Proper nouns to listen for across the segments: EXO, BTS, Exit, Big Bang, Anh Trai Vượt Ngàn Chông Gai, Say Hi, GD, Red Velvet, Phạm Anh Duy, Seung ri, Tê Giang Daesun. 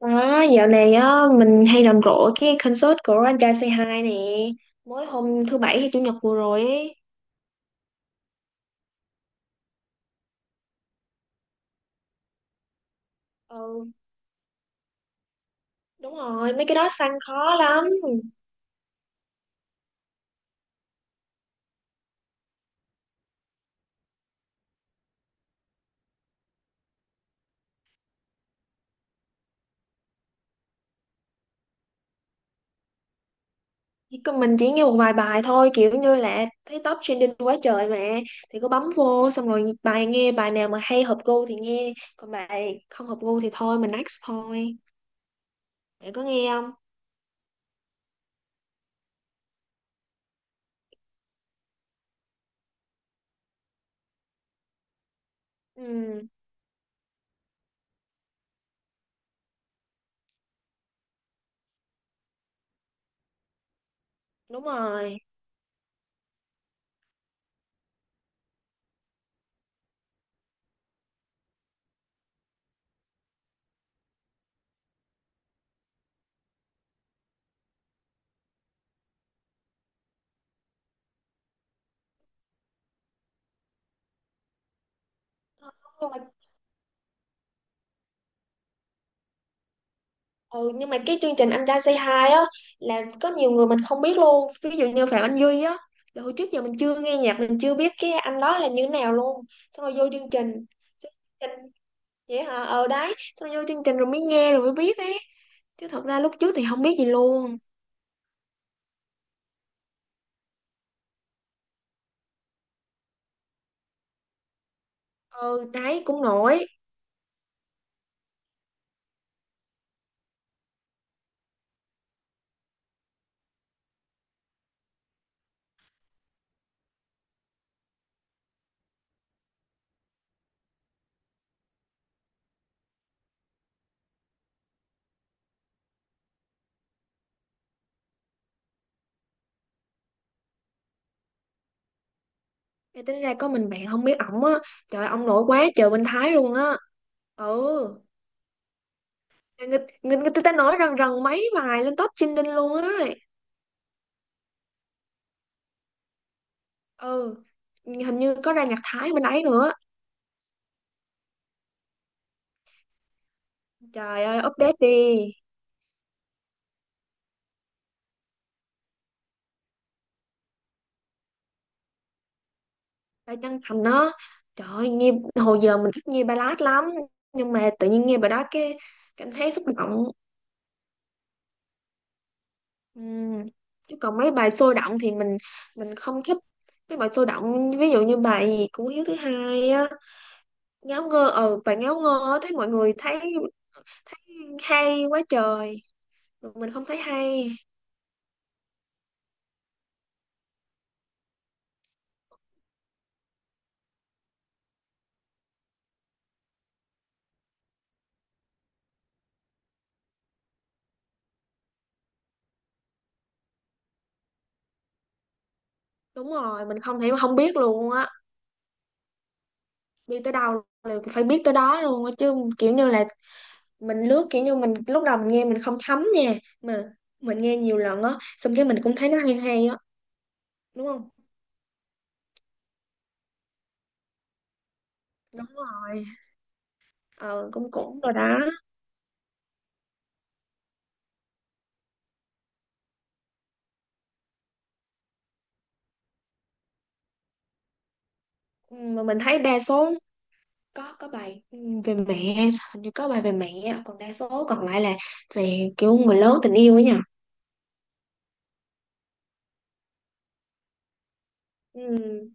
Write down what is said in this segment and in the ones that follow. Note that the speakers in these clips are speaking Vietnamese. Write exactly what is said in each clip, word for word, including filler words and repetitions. Đó, dạo này á, mình hay rầm rộ cái concert của anh trai Say Hi nè. Mới hôm thứ bảy hay chủ nhật vừa rồi ấy. Ừ, đúng rồi, mấy cái đó săn khó lắm. Chỉ có Mình chỉ nghe một vài bài thôi. Kiểu như là thấy top trending quá trời mà. Thì cứ bấm vô xong rồi bài nghe bài nào mà hay hợp gu thì nghe. Còn bài không hợp gu thì thôi, mình next thôi. Bạn có nghe không? Ừ, đúng rồi. Ừ, nhưng mà cái chương trình Anh Trai Say Hi á là có nhiều người mình không biết luôn, ví dụ như Phạm Anh Duy á, là hồi trước giờ mình chưa nghe nhạc, mình chưa biết cái anh đó là như thế nào luôn. Xong rồi vô chương trình, chương trình vậy hả? ờ Đấy, xong rồi vô chương trình rồi mới nghe rồi mới biết ấy, chứ thật ra lúc trước thì không biết gì luôn. Ừ đấy, cũng nổi. Thì tính ra có mình bạn không biết ổng á. Trời ơi, ông nổi quá trời bên Thái luôn á. Ừ. người, người, người ta nói rần rần mấy bài lên top trending luôn á. Ừ, hình như có ra nhạc Thái bên ấy nữa. Trời ơi update đi. Phải chân thành đó. Trời ơi nghe, hồi giờ mình thích nghe ballad lắm. Nhưng mà tự nhiên nghe bài đó cái cảm thấy xúc động. Ừm. Chứ còn mấy bài sôi động thì mình Mình không thích. Mấy bài sôi động ví dụ như bài gì của Hiếu thứ hai á. Ngáo ngơ. Ừ, bài ngáo ngơ á, thấy mọi người thấy thấy hay quá trời. Mình không thấy hay. Đúng rồi. Mình không thể không biết luôn á. Đi tới đâu là phải biết tới đó luôn á. Chứ kiểu như là mình lướt, kiểu như mình lúc đầu mình nghe mình không thấm nha, mà mình nghe nhiều lần á, xong cái mình cũng thấy nó hay hay á, đúng không? Đúng rồi. Ờ, cũng cũng rồi đó. Ừ, mà mình thấy đa số có có bài ừ, về mẹ, hình như có bài về mẹ, còn đa số còn lại là về kiểu người lớn, tình yêu ấy nhỉ. Ừ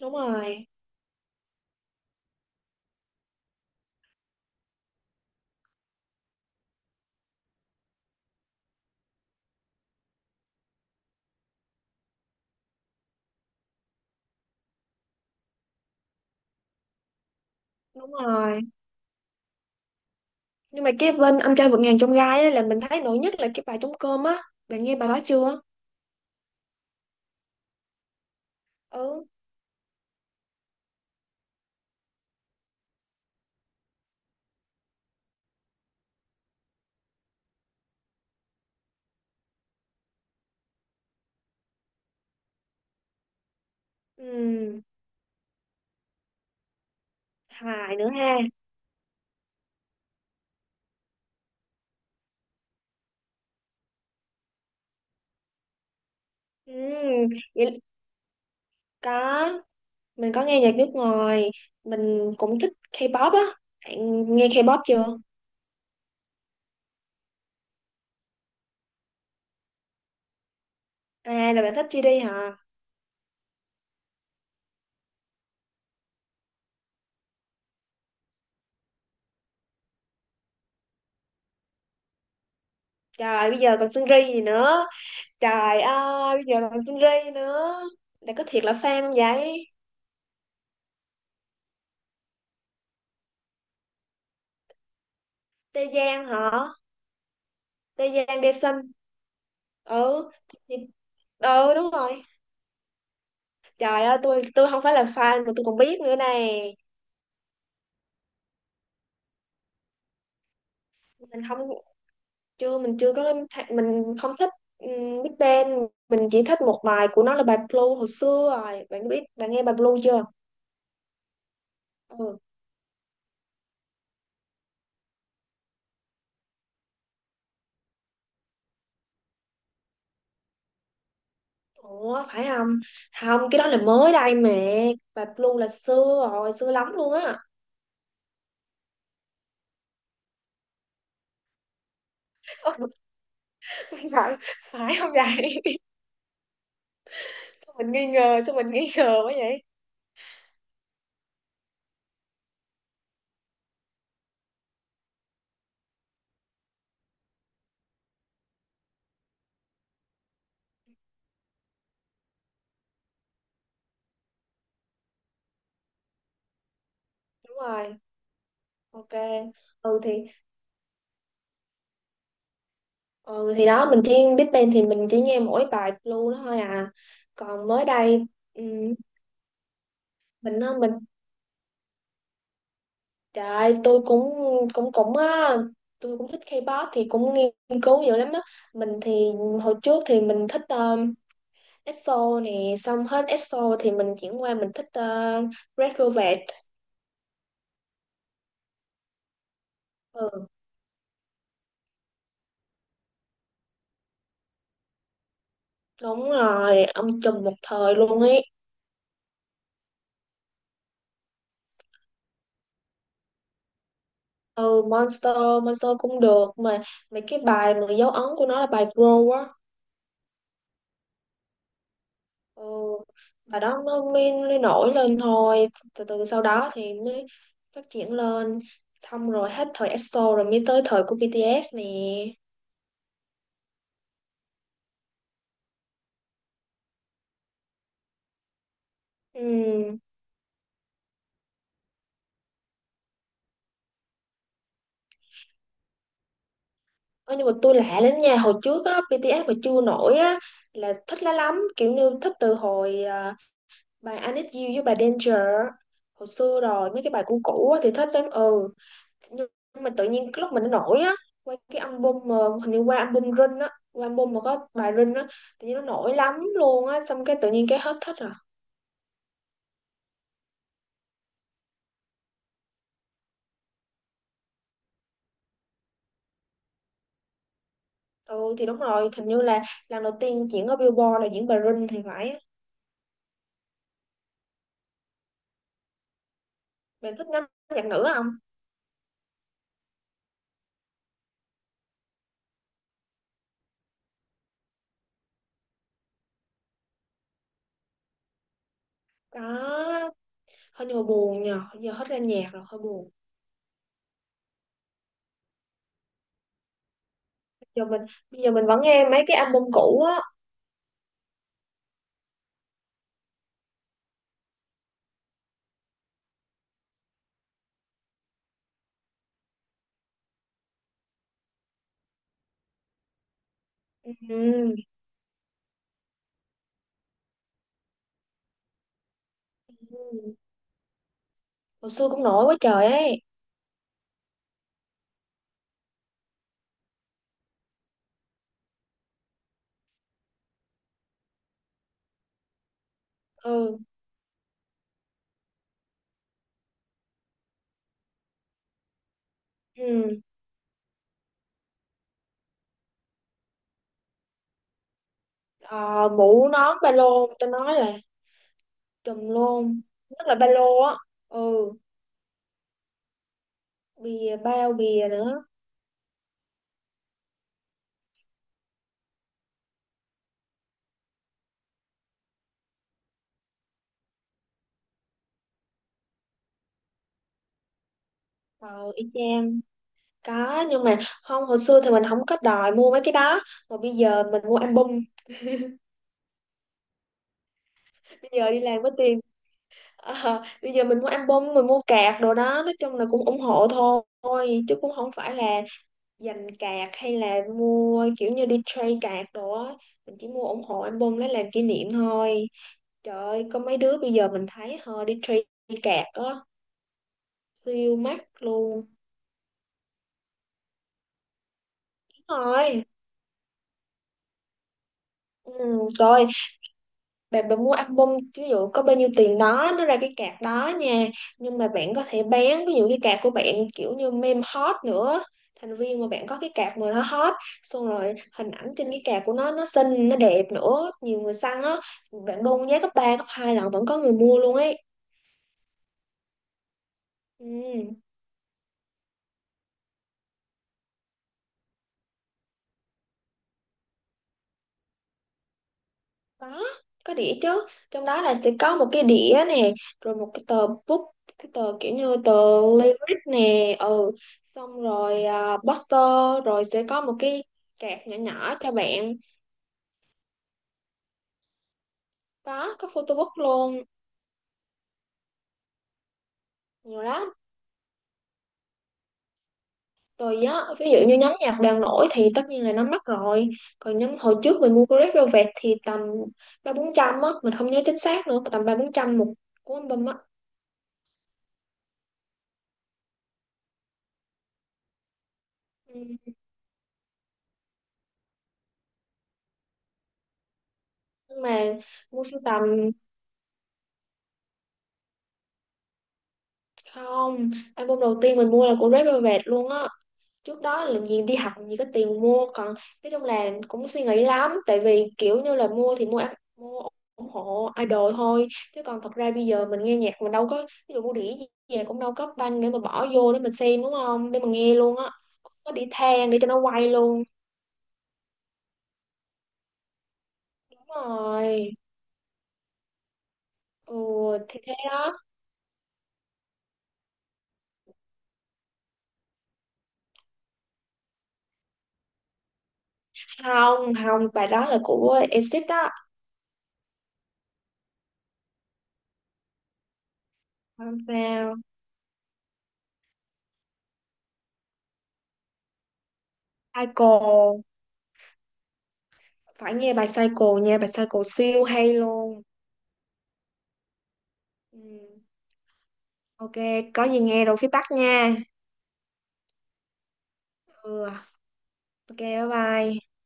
đúng rồi, đúng rồi. Nhưng mà cái bên anh trai vượt ngàn chông gai á là mình thấy nổi nhất là cái bài trống cơm á. Bạn nghe bài đó chưa? Ừ ừ Hài nữa ha. Ừ, vậy có. Mình có nghe nhạc nước ngoài, mình cũng thích K-pop á. Bạn nghe K-pop chưa? À là bạn thích gi đi hả? Trời bây giờ còn Seung ri gì nữa. Trời ơi bây giờ còn Seung ri nữa. Bạn có thiệt là fan không vậy? Tê Giang hả? Tê Giang Daesun. Ừ, thì- ừ đúng rồi. Trời ơi, tôi tôi không phải là fan mà tôi còn biết nữa nè. Mình không, chưa, mình chưa có th- mình không thích ừm, Big Bang. Mình chỉ thích một bài của nó là bài Blue hồi xưa rồi. Bạn biết bạn nghe bài Blue chưa? Ừ. Ủa phải không? Không, cái đó là mới đây mẹ. Bà Blue là xưa rồi, xưa lắm luôn á. Ừ, phải, phải không vậy? Sao mình nghi ngờ, sao mình nghi ngờ quá vậy? Đúng rồi, ok. Ừ thì ừ thì đó mình chỉ Big Bang thì mình chỉ nghe mỗi bài Blue đó thôi à. Còn mới đây ừ, mình á, mình trời ơi, tôi cũng cũng cũng á tôi cũng thích K-pop thì cũng nghiên cứu dữ lắm á. Mình thì hồi trước thì mình thích ờ, ét xô nè, xong hết ét xô thì mình chuyển qua mình thích uh, Red Velvet. Ừ đúng rồi, ông trùm một thời luôn ấy. Ừ Monster, Monster cũng được mà. Mấy cái bài mà dấu ấn của nó là bài Grow á. Ừ, bài đó nó mới, mới nổi lên thôi, từ từ sau đó thì mới phát triển lên. Xong rồi hết thời ét xô rồi mới tới thời của bê tê ét nè. Ừ. Ơ, nhưng mà tôi lạ lắm nha, hồi trước á bê tê ét mà chưa nổi á là thích lá lắm, kiểu như thích từ hồi à, bài I Need You với bài Danger hồi xưa rồi, mấy cái bài cũ cũ á thì thích lắm. Ừ, nhưng mà tự nhiên cái lúc mình nó nổi á, qua cái album mà hình như qua album Rin á, qua album mà có bài Rin á, tự nhiên nó nổi lắm luôn á, xong cái tự nhiên cái hết thích rồi. Ừ thì đúng rồi, hình như là lần đầu tiên diễn ở Billboard là diễn bài Rin thì phải. Bạn thích nhóm nhạc nữ không? Đó hơi, nhưng mà buồn nhờ giờ hết ra nhạc rồi, hơi buồn. Giờ mình Bây giờ mình vẫn nghe mấy cái album cũ á. Ừ. Hồi xưa cũng nổi quá trời ấy. Ừ. Ừ. Ờ, mũ nón ba lô người ta nói là trùm luôn, nhất là ba lô á. Ừ, bìa bao bìa nữa. Ờ y chang, có, nhưng mà không, hồi xưa thì mình không có đòi mua mấy cái đó, mà bây giờ mình mua album, bây giờ đi làm có tiền. Ờ, bây giờ mình mua album, mình mua cạc đồ đó, nói chung là cũng ủng hộ thôi, chứ cũng không phải là dành cạc hay là mua kiểu như đi trade cạc đồ á. Mình chỉ mua ủng hộ album lấy làm kỷ niệm thôi. Trời ơi có mấy đứa bây giờ mình thấy họ đi trade cạc á, siêu mắc luôn. Đúng rồi. Ừ, trời ơi, bạn bạn mua album ví dụ có bao nhiêu tiền đó nó ra cái card đó nha, nhưng mà bạn có thể bán ví dụ cái card của bạn, kiểu như meme hot nữa, thành viên mà bạn có cái card mà nó hot, xong rồi hình ảnh trên cái card của nó nó xinh nó đẹp nữa, nhiều người săn á, bạn đôn giá gấp ba gấp hai lần vẫn có người mua luôn ấy. Ừ. Có, có đĩa chứ. Trong đó là sẽ có một cái đĩa nè, rồi một cái tờ book, cái tờ kiểu như tờ lyric nè, ừ. Xong rồi à, poster, rồi sẽ có một cái card nhỏ nhỏ cho bạn. Có, có photo book luôn, nhiều lắm. Rồi á, ví dụ như nhóm nhạc đang nổi thì tất nhiên là nó mắc rồi. Còn nhóm hồi trước mình mua của Red Velvet thì tầm ba bốn trăm á, mình không nhớ chính xác nữa, tầm ba bốn trăm một cuốn album á. Ừ. Nhưng mà mua sưu tầm. Không, album đầu tiên mình mua là của Red Velvet luôn á, trước đó là gì đi học làm gì có tiền mua. Còn nói chung là cũng suy nghĩ lắm, tại vì kiểu như là mua thì mua al- mua ủng hộ idol thôi, chứ còn thật ra bây giờ mình nghe nhạc mình đâu có ví dụ mua đĩa gì về cũng đâu có banh để mà bỏ vô để mình xem, đúng không, để mình nghe luôn á, có đĩa than để cho nó quay luôn. Đúng rồi. Ừ thì thế đó. Không không, bài đó là của Exit đó. Không sao. Psycho, phải nghe bài Cycle nha, bài Cycle siêu hay luôn. Ừ. Ok, có gì nghe rồi feedback nha. Ừ. Ok bye bye.